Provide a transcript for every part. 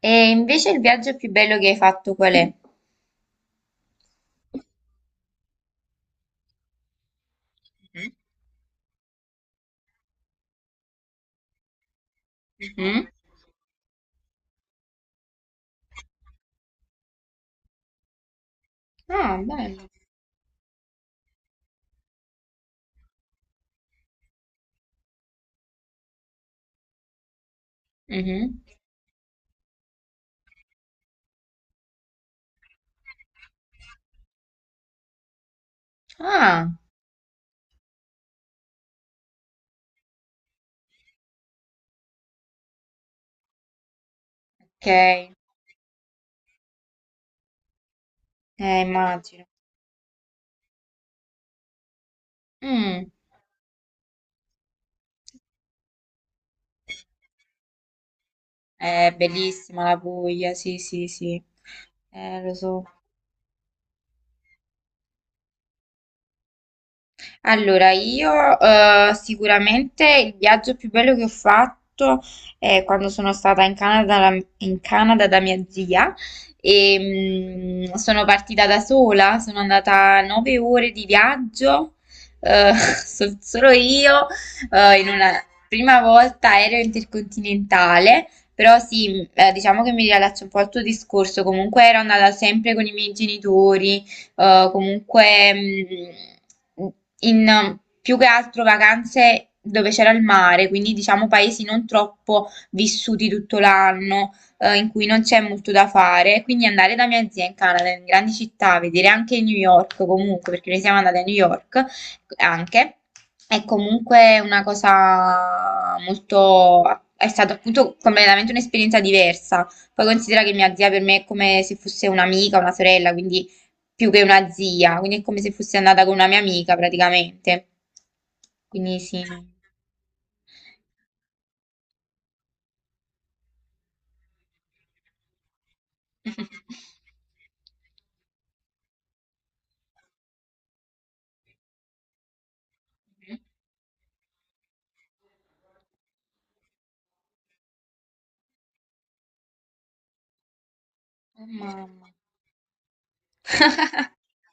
E invece il viaggio più bello che hai fatto qual è? Mhm. Ah, bello. Mhm. Ah, ok. Immagino. Mm. È bellissima la Puglia, sì, sì, sì. Lo so. Allora, io sicuramente il viaggio più bello che ho fatto è quando sono stata in Canada da mia zia e sono partita da sola, sono andata 9 ore di viaggio, eh, solo io, in una prima volta aereo intercontinentale. Però sì, diciamo che mi riallaccio un po' al tuo discorso, comunque ero andata sempre con i miei genitori, comunque mh, in più che altro vacanze dove c'era il mare, quindi diciamo paesi non troppo vissuti tutto l'anno, in cui non c'è molto da fare. Quindi andare da mia zia in Canada, in grandi città, vedere anche New York comunque, perché noi siamo andate a New York anche, è comunque una cosa molto... È stata appunto completamente un'esperienza diversa. Poi considera che mia zia per me è come se fosse un'amica, una sorella, quindi più che una zia, quindi è come se fossi andata con una mia amica praticamente. Quindi sì. Mhm. Oh, mamma.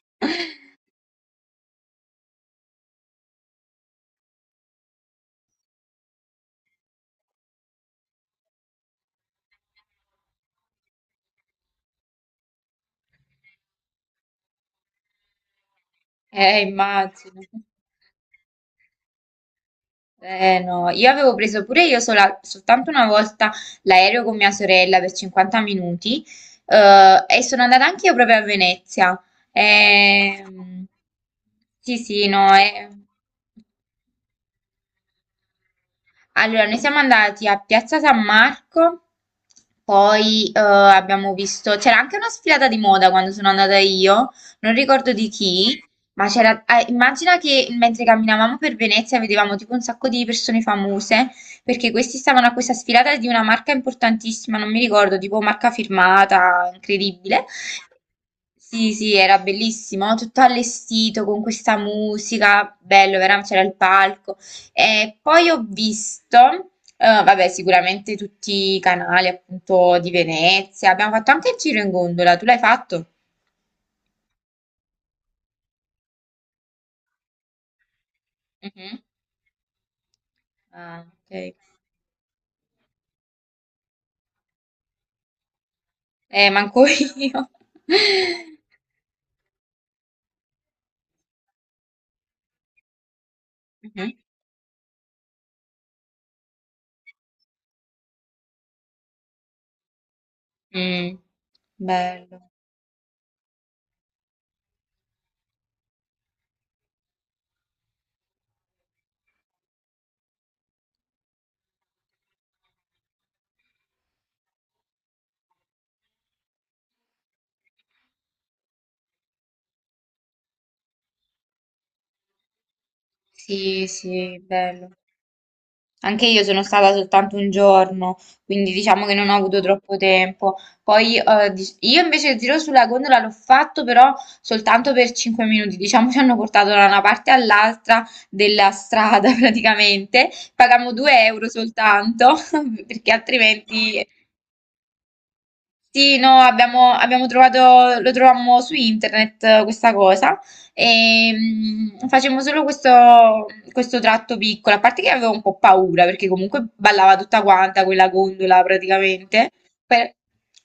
Immagino. Eh no, io avevo preso pure io soltanto una volta l'aereo con mia sorella per 50 minuti e sono andata anche io proprio a Venezia. Ehm, sì, sì, no, eh. Allora, noi siamo andati a Piazza San Marco, poi abbiamo visto, c'era anche una sfilata di moda quando sono andata io, non ricordo di chi, ma c'era, immagina che mentre camminavamo per Venezia vedevamo tipo un sacco di persone famose, perché questi stavano a questa sfilata di una marca importantissima, non mi ricordo, tipo marca firmata, incredibile. Sì, sì, era bellissimo, tutto allestito con questa musica, bello, veramente c'era il palco. E poi ho visto, vabbè, sicuramente tutti i canali appunto di Venezia. Abbiamo fatto anche il giro in gondola. Tu l'hai fatto? Mhm. Ah, ok. Manco io. Mhm. Mm, bello. Sì, sì, bello. Anche io sono stata soltanto un giorno, quindi diciamo che non ho avuto troppo tempo. Poi io invece il giro sulla gondola l'ho fatto però soltanto per 5 minuti, diciamo ci hanno portato da una parte all'altra della strada praticamente, pagammo 2 euro soltanto perché altrimenti sì, no, abbiamo, abbiamo trovato, lo trovammo su internet questa cosa e facemmo solo questo, questo tratto piccolo, a parte che avevo un po' paura perché comunque ballava tutta quanta quella gondola praticamente, per,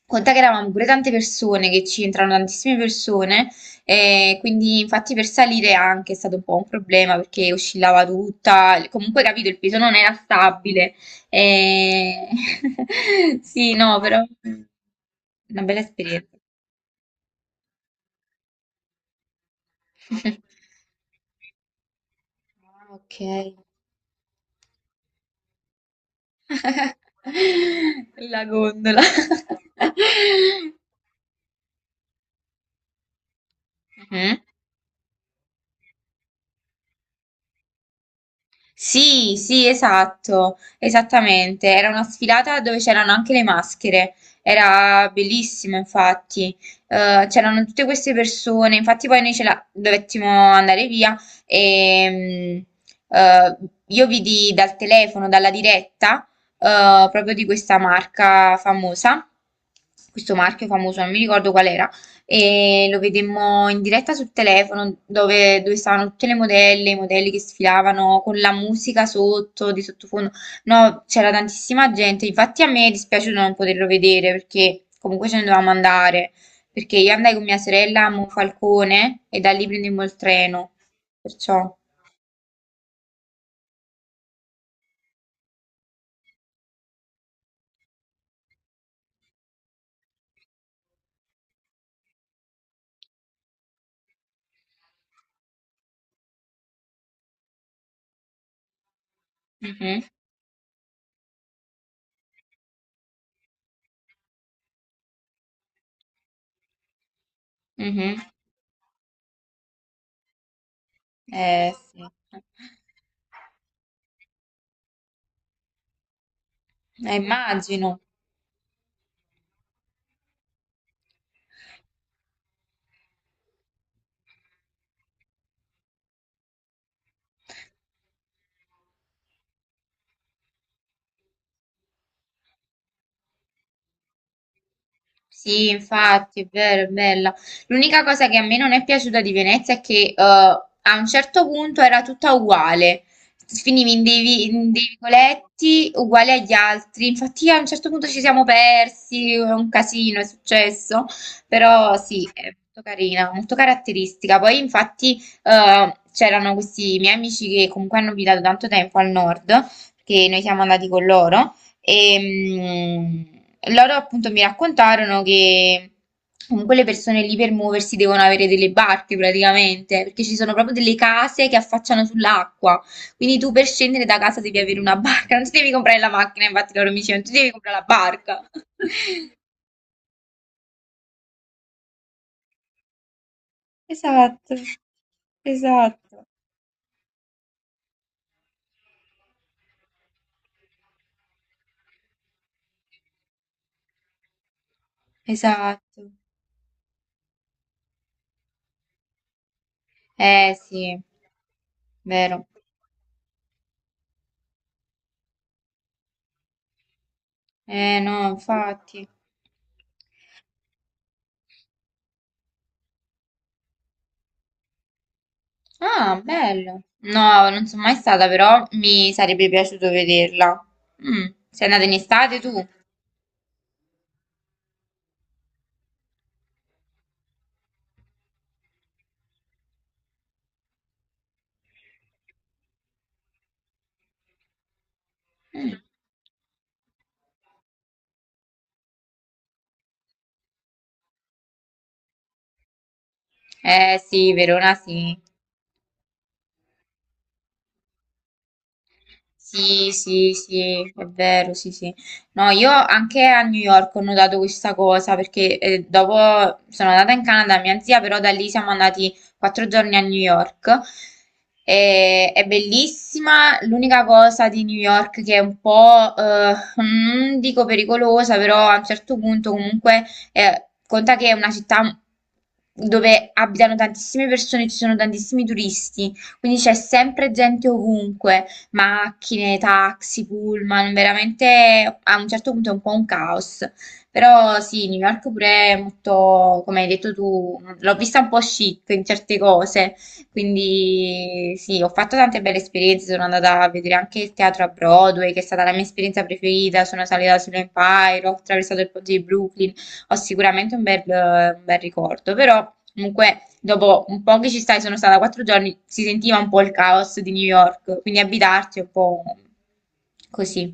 conta che eravamo pure tante persone, che ci entrano tantissime persone e quindi infatti per salire anche è stato un po' un problema perché oscillava tutta, comunque capito il peso non era stabile e... sì, no, però... Una bella esperienza. Ah, ok. La gondola. Mhm. Sì, sì, esatto, esattamente. Era una sfilata dove c'erano anche le maschere. Era bellissimo, infatti. C'erano tutte queste persone. Infatti, poi noi ce la dovettimo andare via. E, mm, eh, io vidi dal telefono, dalla diretta, proprio di questa marca famosa. Questo marchio famoso, non mi ricordo qual era e lo vedemmo in diretta sul telefono dove, dove stavano tutte le modelle, i modelli che sfilavano con la musica sotto, di sottofondo. No, c'era tantissima gente, infatti a me è dispiaciuto non poterlo vedere perché comunque ce ne dovevamo andare, perché io andai con mia sorella a Monfalcone e da lì prendemmo il treno, perciò... Mhm, mhm. Eh sì, immagino. Sì, infatti, è vero, è bella. L'unica cosa che a me non è piaciuta di Venezia è che a un certo punto era tutta uguale. Finivi in dei vicoletti uguali agli altri. Infatti, a un certo punto ci siamo persi, è un casino, è successo. Però sì, è molto carina, molto caratteristica. Poi, infatti, c'erano questi miei amici che comunque hanno abitato tanto tempo al nord, perché noi siamo andati con loro. E loro appunto mi raccontarono che comunque le persone lì per muoversi devono avere delle barche praticamente, perché ci sono proprio delle case che affacciano sull'acqua. Quindi tu per scendere da casa devi avere una barca, non ti devi comprare la macchina, infatti loro mi dicevano, tu devi comprare la barca. Esatto, esatto. Esatto. Eh sì, vero. Eh no, infatti. Ah, bello. No, non sono mai stata, però mi sarebbe piaciuto vederla. Mm, sei andata in estate tu? Eh sì, Verona sì. Sì, sì, sì, è vero, sì, sì. No, io anche a New York ho notato questa cosa perché dopo sono andata in Canada, mia zia, però da lì siamo andati 4 giorni a New York. E- è bellissima. L'unica cosa di New York che è un po', non dico pericolosa, però a un certo punto comunque conta che è una città dove abitano tantissime persone, ci sono tantissimi turisti, quindi c'è sempre gente ovunque macchine, taxi, pullman, veramente a un certo punto è un po' un caos. Però sì, New York pure è molto, come hai detto tu, l'ho vista un po' chic in certe cose, quindi sì, ho fatto tante belle esperienze, sono andata a vedere anche il teatro a Broadway, che è stata la mia esperienza preferita, sono salita sull'Empire, ho attraversato il ponte di Brooklyn, ho sicuramente un bel ricordo, però comunque dopo un po' che ci stai, sono stata 4 giorni, si sentiva un po' il caos di New York, quindi abitarci è un po' così.